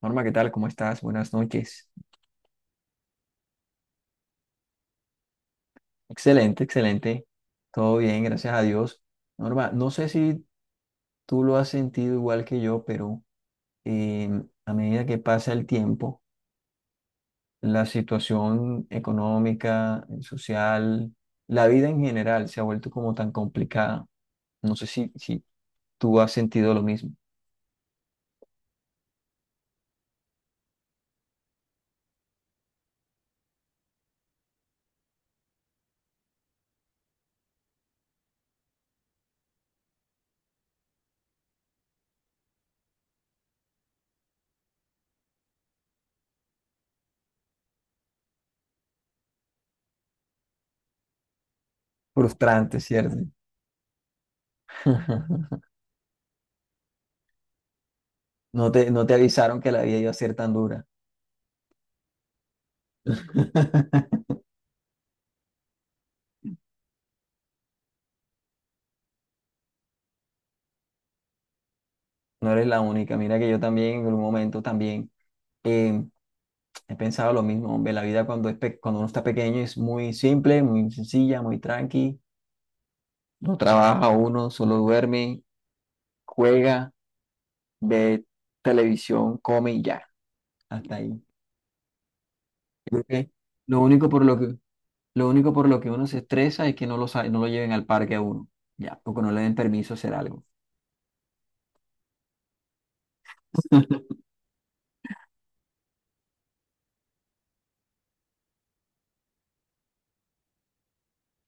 Norma, ¿qué tal? ¿Cómo estás? Buenas noches. Excelente, excelente. Todo bien, gracias a Dios. Norma, no sé si tú lo has sentido igual que yo, pero eh, a medida que pasa el tiempo, la situación económica, social, la vida en general se ha vuelto como tan complicada. No sé si tú has sentido lo mismo. Frustrante, ¿cierto? No te avisaron que la vida iba a ser tan dura. No eres la única. Mira que yo también en un momento también eh, he pensado lo mismo. Hombre, la vida cuando uno está pequeño es muy simple, muy sencilla, muy tranqui. No trabaja uno, solo duerme, juega, ve televisión, come y ya. Hasta ahí. Creo que lo único por lo que, lo único por lo que uno se estresa es que no lo lleven al parque a uno. Ya, o que no le den permiso a hacer algo.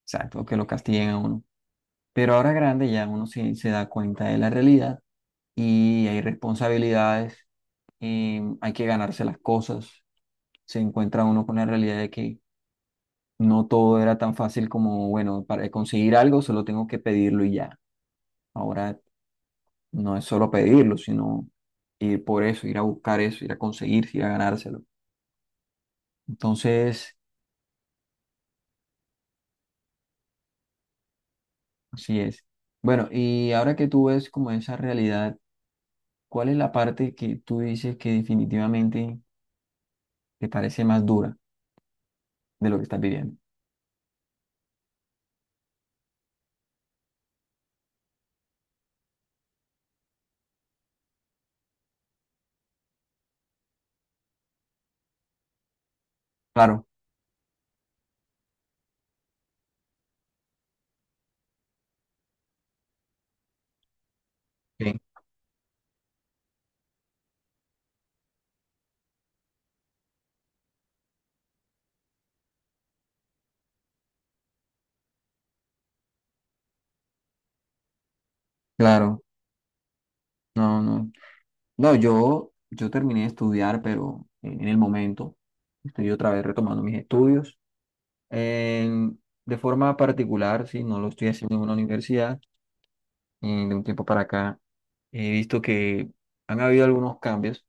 Exacto, o que lo castiguen a uno. Pero ahora grande ya se da cuenta de la realidad y hay responsabilidades, hay que ganarse las cosas. Se encuentra uno con la realidad de que no todo era tan fácil como, bueno, para conseguir algo solo tengo que pedirlo y ya. Ahora no es solo pedirlo, sino ir por eso, ir a buscar eso, ir a conseguir, ir a ganárselo. Entonces, así es. Bueno, y ahora que tú ves como esa realidad, ¿cuál es la parte que tú dices que definitivamente te parece más dura de lo que estás viviendo? Claro, sí, claro, no, no. No, yo terminé de estudiar, pero en el momento estoy otra vez retomando mis estudios. En de forma particular, sí, no lo estoy haciendo en una universidad. De un tiempo para acá he visto que han habido algunos cambios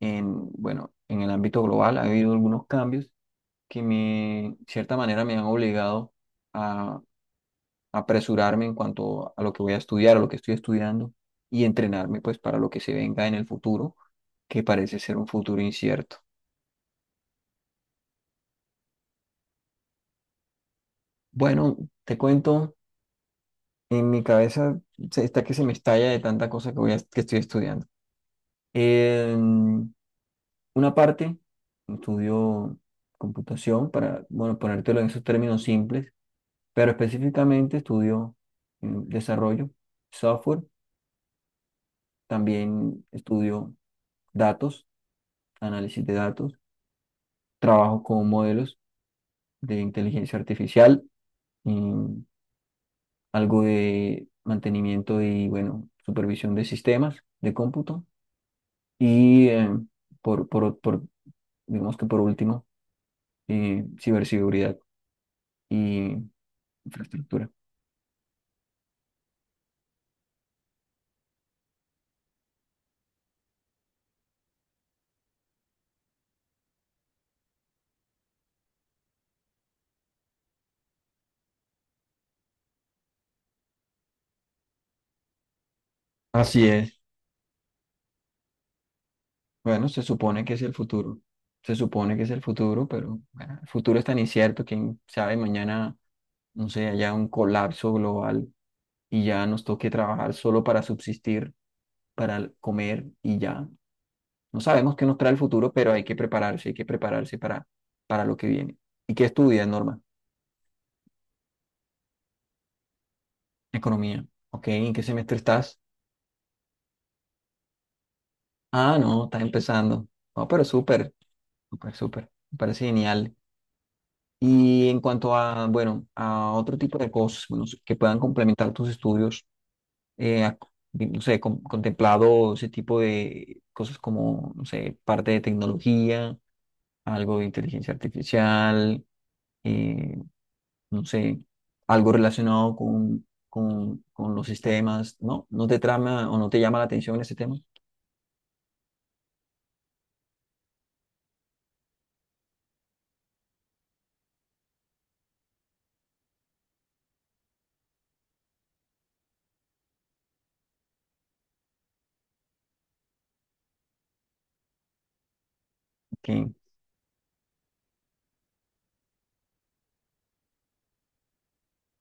en, bueno, en el ámbito global, ha habido algunos cambios que me, de cierta manera me han obligado apresurarme en cuanto a lo que voy a estudiar, a lo que estoy estudiando y entrenarme pues para lo que se venga en el futuro, que parece ser un futuro incierto. Bueno, te cuento, en mi cabeza está que se me estalla de tanta cosa que que estoy estudiando. En una parte estudio computación para, bueno, ponértelo en esos términos simples, pero específicamente estudio desarrollo, software, también estudio datos, análisis de datos, trabajo con modelos de inteligencia artificial, y algo de mantenimiento y, bueno, supervisión de sistemas de cómputo. Y por, por, por, digamos que por último, ciberseguridad y infraestructura. Así es. Bueno, se supone que es el futuro. Se supone que es el futuro, pero bueno, el futuro es tan incierto, quién sabe, mañana, no sé, haya un colapso global y ya nos toque trabajar solo para subsistir, para comer y ya. No sabemos qué nos trae el futuro, pero hay que prepararse para lo que viene. ¿Y qué estudias, Norma? Economía. ¿Ok? ¿En qué semestre estás? Ah, no, estás empezando. No, pero súper, súper, súper. Me parece genial. Y en cuanto a, bueno, a otro tipo de cosas, bueno, que puedan complementar tus estudios, eh, a- no sé, contemplado ese tipo de cosas como, no sé, parte de tecnología, algo de inteligencia artificial, eh, no sé, algo relacionado con, con los sistemas, ¿no? ¿No te trama o no te llama la atención ese tema? Que,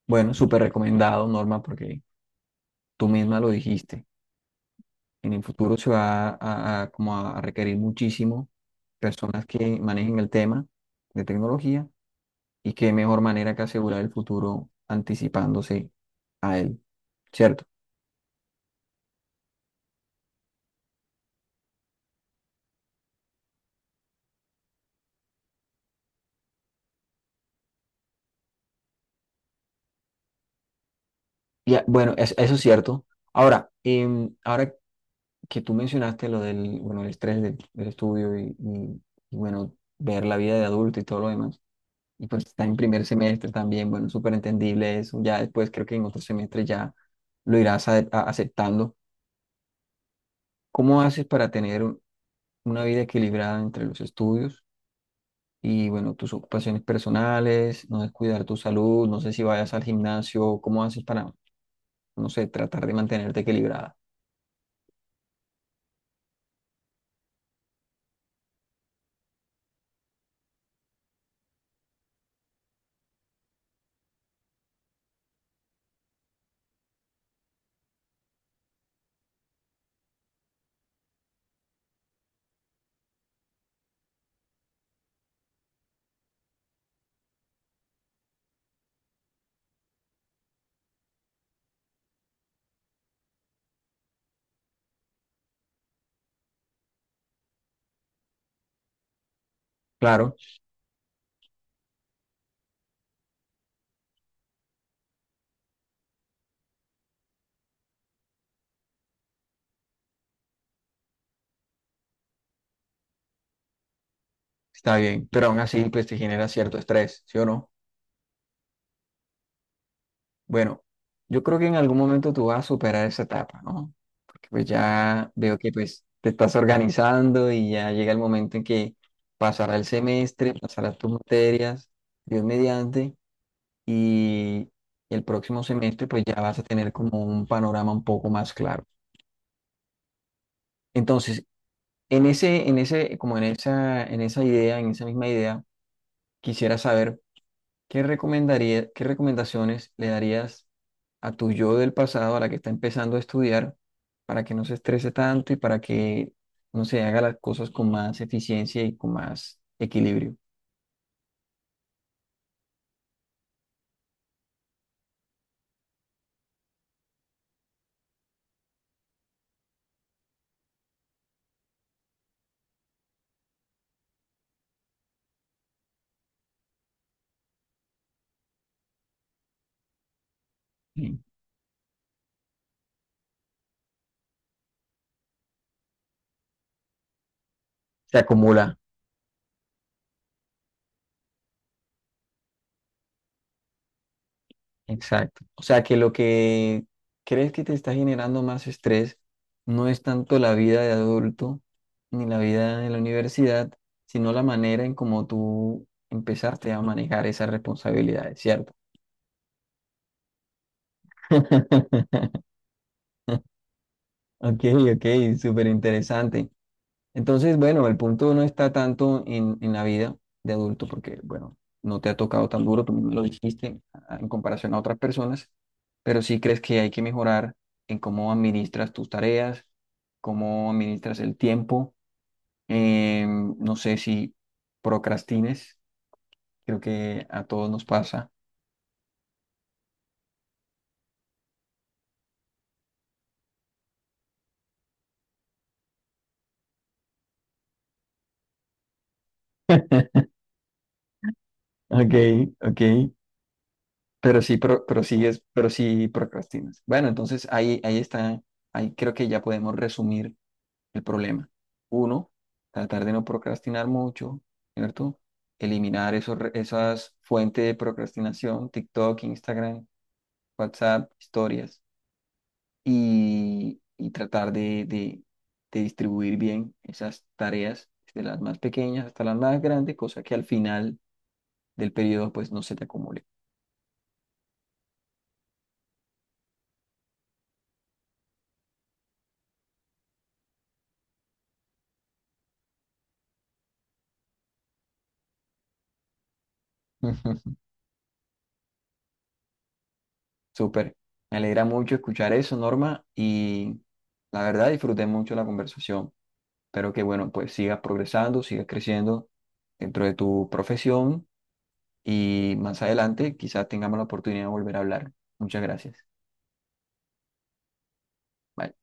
bueno, súper recomendado, Norma, porque tú misma lo dijiste. En el futuro se va como a requerir muchísimo personas que manejen el tema de tecnología y qué mejor manera que asegurar el futuro anticipándose a él, ¿cierto? Y bueno, eso es cierto. Ahora, ahora que tú mencionaste lo del, bueno, el estrés del, del estudio bueno, ver la vida de adulto y todo lo demás. Y pues está en primer semestre también, bueno, súper entendible eso. Ya después creo que en otro semestre ya lo irás aceptando. ¿Cómo haces para tener una vida equilibrada entre los estudios y, bueno, tus ocupaciones personales, no descuidar tu salud, no sé si vayas al gimnasio, cómo haces para, no sé, tratar de mantenerte equilibrada? Claro, está bien, pero aún así, pues te genera cierto estrés, ¿sí o no? Bueno, yo creo que en algún momento tú vas a superar esa etapa, ¿no? Porque pues ya veo que pues te estás organizando y ya llega el momento en que pasará el semestre, pasarás tus materias, Dios mediante, y el próximo semestre pues ya vas a tener como un panorama un poco más claro. Entonces, en esa idea, en esa misma idea, quisiera saber qué recomendaría, qué recomendaciones le darías a tu yo del pasado, a la que está empezando a estudiar, para que no se estrese tanto y para que no se haga las cosas con más eficiencia y con más equilibrio. Mm. Se acumula. Exacto. O sea, que lo que crees que te está generando más estrés no es tanto la vida de adulto ni la vida en la universidad, sino la manera en cómo tú empezaste a manejar esas responsabilidades, ¿cierto? Ok, ok, súper interesante. Entonces, bueno, el punto no está tanto en la vida de adulto, porque, bueno, no te ha tocado tan duro, tú me lo dijiste, en comparación a otras personas, pero sí crees que hay que mejorar en cómo administras tus tareas, cómo administras el tiempo. No sé si procrastines, creo que a todos nos pasa. Ok, ok. Pero sí procrastinas. Bueno, entonces ahí creo que ya podemos resumir el problema. Uno, tratar de no procrastinar mucho, ¿cierto? Eliminar esas fuentes de procrastinación, TikTok, Instagram, WhatsApp, historias, y tratar de distribuir bien esas tareas, desde las más pequeñas hasta las más grandes, cosa que al final del periodo pues no se te acumule. Súper. Me alegra mucho escuchar eso, Norma, y la verdad disfruté mucho la conversación. Espero que, bueno, pues sigas progresando, sigas creciendo dentro de tu profesión y más adelante quizás tengamos la oportunidad de volver a hablar. Muchas gracias. Bye.